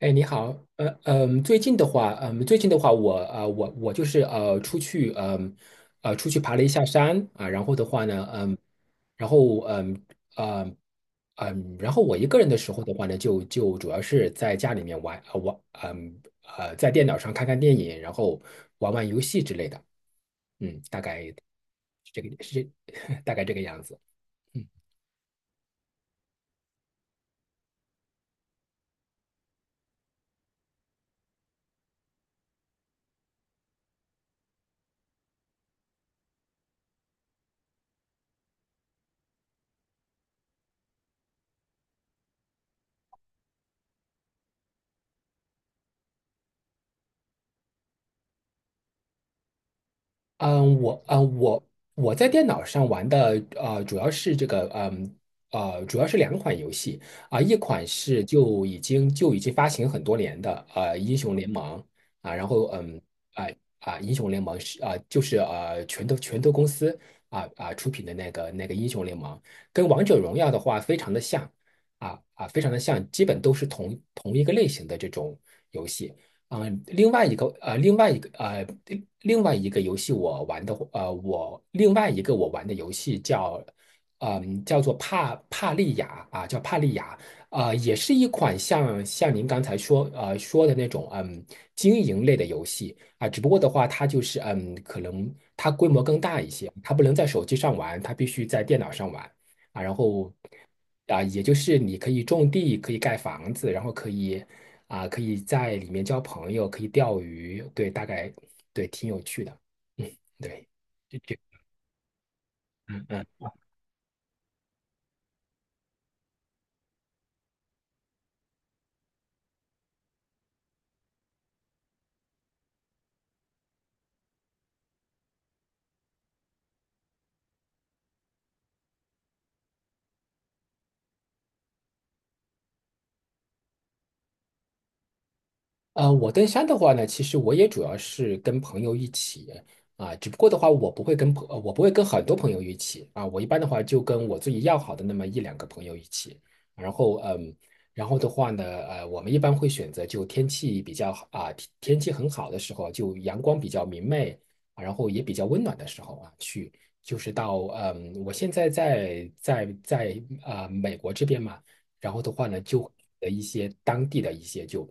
哎，你好。最近的话，我就是出去爬了一下山啊。然后的话呢，然后嗯，嗯，然后我一个人的时候的话呢，就主要是在家里面玩，在电脑上看看电影，然后玩玩游戏之类的。大概是这个，大概这个样子。嗯。我我在电脑上玩的主要是两款游戏。啊、一款是就已经发行很多年的《英雄联盟》。啊，然后啊英雄联盟》是啊、就是拳头公司。啊啊出品的那个《英雄联盟》，跟《王者荣耀》的话非常的像。啊啊，非常的像，基本都是同一个类型的这种游戏。另另外一个游戏我玩的呃，我另外一个玩的游戏叫叫做帕利亚。啊，叫帕利亚。啊，也是一款像您刚才说的那种经营类的游戏。啊，只不过的话，它就是可能它规模更大一些，它不能在手机上玩，它必须在电脑上玩。啊，然后啊，也就是你可以种地，可以盖房子，然后可以啊，可以在里面交朋友，可以钓鱼。对，大概对，挺有趣的。嗯，对。我登山的话呢，其实我也主要是跟朋友一起。啊，只不过的话，我不会跟很多朋友一起。啊，我一般的话就跟我自己要好的那么一两个朋友一起。然后的话呢，我们一般会选择就天气比较好，啊，天气很好的时候，就阳光比较明媚，啊然后也比较温暖的时候。啊，去就是到我现在在啊、美国这边嘛。然后的话呢，就的一些当地的一些就。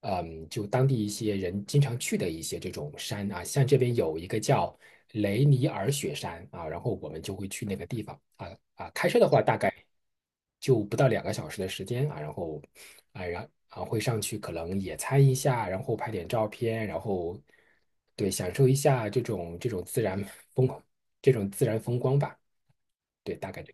就当地一些人经常去的一些这种山。啊，像这边有一个叫雷尼尔雪山。啊，然后我们就会去那个地方。啊啊，开车的话大概就不到2个小时的时间。啊，然后啊会上去可能野餐一下，然后拍点照片，然后对享受一下这种风自然风光吧。对，大概。这。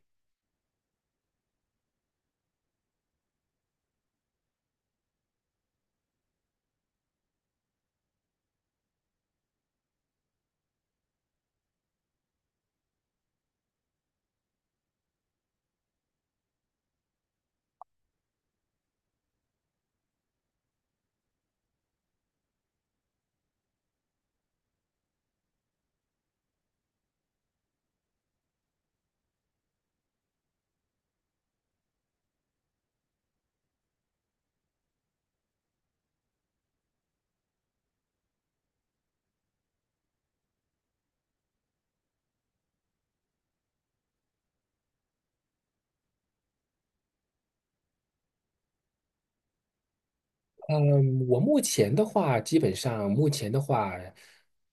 嗯，我目前的话，基本上目前的话，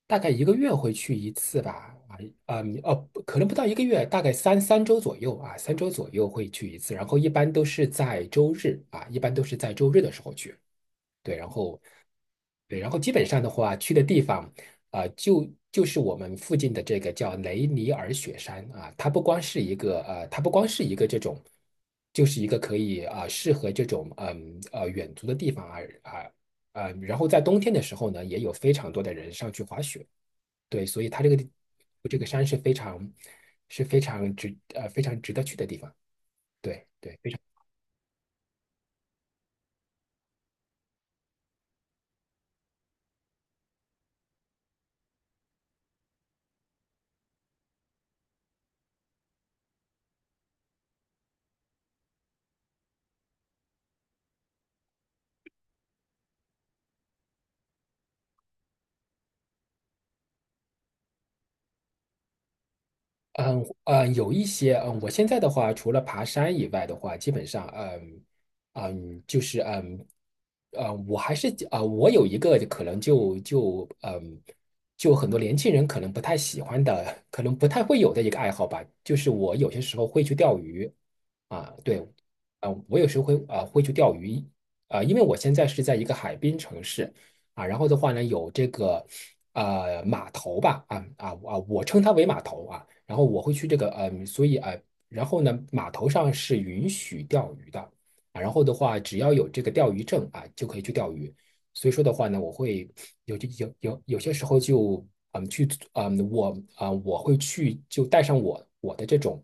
大概一个月会去一次吧。啊，嗯，哦，不可能不到一个月，大概三周左右。啊，三周左右会去一次。然后一般都是在周日，啊，一般都是在周日的时候去。对，然后对，然后基本上的话，去的地方啊、就是我们附近的这个叫雷尼尔雪山。啊，它不光是一个这种，就是一个可以啊、适合这种远足的地方。啊啊，然后在冬天的时候呢，也有非常多的人上去滑雪。对，所以它这个地这个山是非常是非常值呃非常值得去的地方。对对。嗯嗯，有一些我现在的话，除了爬山以外的话，基本上就是我还是啊、我有一个可能就很多年轻人可能不太喜欢的，可能不太会有的一个爱好吧，就是我有些时候会去钓鱼。啊，对。啊，我有时候会去钓鱼。啊，因为我现在是在一个海滨城市。啊，然后的话呢有这个码头吧。啊啊啊，我称它为码头。啊，然后我会去这个呃，所以啊，然后呢码头上是允许钓鱼的。啊，然后的话只要有这个钓鱼证啊就可以去钓鱼。所以说的话呢，我会有些时候就嗯去嗯我啊、呃我会去就带上我的这种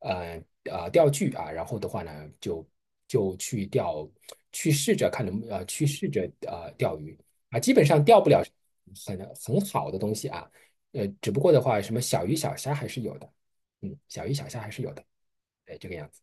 钓具。啊，然后的话呢就就去钓去试着去试着钓鱼。啊，基本上钓不了很很好的东西。啊，只不过的话什么小鱼小虾还是有的。小鱼小虾还是有的。哎这个样子。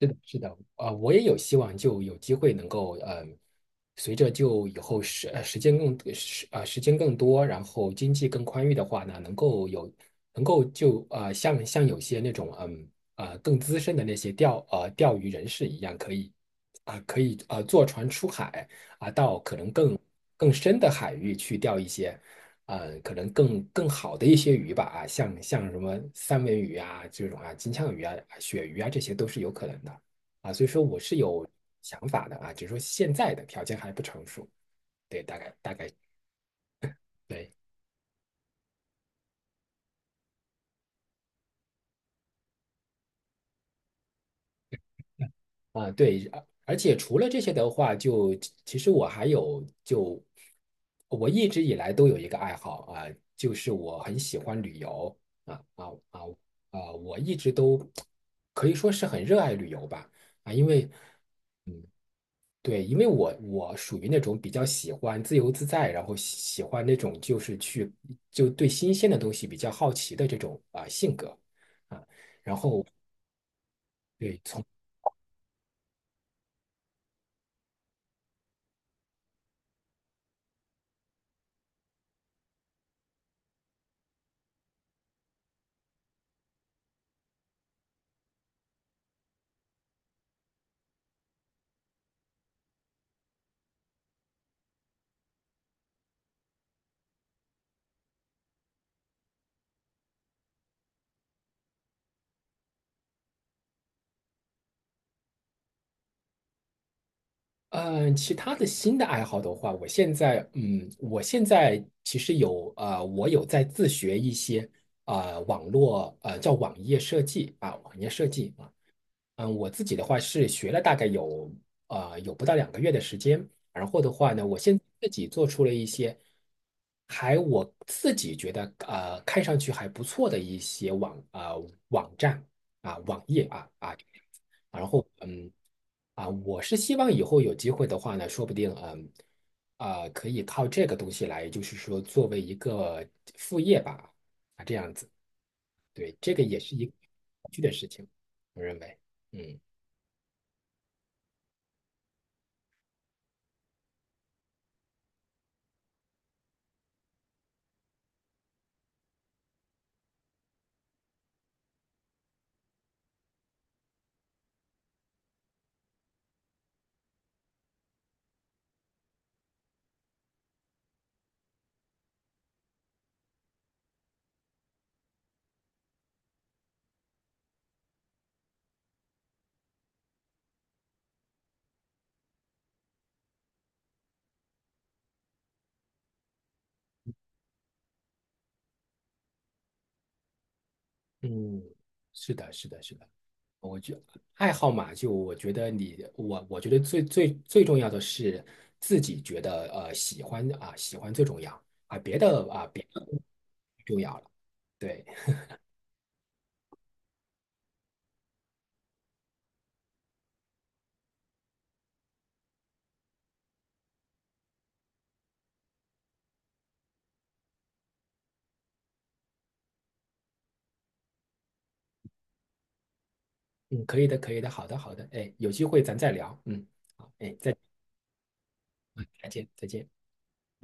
是的，是的。啊、我也有希望，就有机会能够，随着就以后时间更多，然后经济更宽裕的话呢，能够就啊、呃像有些那种更资深的那些钓鱼人士一样，可以啊、坐船出海。啊、到可能更深的海域去钓一些。呃，可能更好的一些鱼吧。啊，像什么三文鱼啊这种。啊，金枪鱼啊、啊鳕鱼啊，这些都是有可能的。啊。所以说我是有想法的。啊，只是说现在的条件还不成熟。对，大概对。啊，对，而且除了这些的话，就其实我还有就我一直以来都有一个爱好。啊，就是我很喜欢旅游。啊啊啊啊，我一直都可以说是很热爱旅游吧。啊，因为。对，因为我属于那种比较喜欢自由自在，然后喜欢那种就是去就对新鲜的东西比较好奇的这种啊、性格。啊，然后对从其他的新的爱好的话，我现在其实我有在自学一些啊、呃网络呃叫网页设计啊。嗯，我自己的话是学了大概有不到2个月的时间，然后的话呢，我现在自己做出了一些还我自己觉得看上去还不错的一些网站啊网页啊啊，然后我是希望以后有机会的话呢，说不定可以靠这个东西来，就是说作为一个副业吧。啊这样子。对，这个也是一个有趣的事情，我认为。嗯。嗯，是的，是的，是的，我觉爱好嘛，就我觉得我觉得最重要的是自己觉得喜欢啊、喜欢最重要。啊，别的啊别的不重要了。对，嗯，可以的，可以的，好的，好的，哎，有机会咱再聊，嗯，好，哎，再见，再见。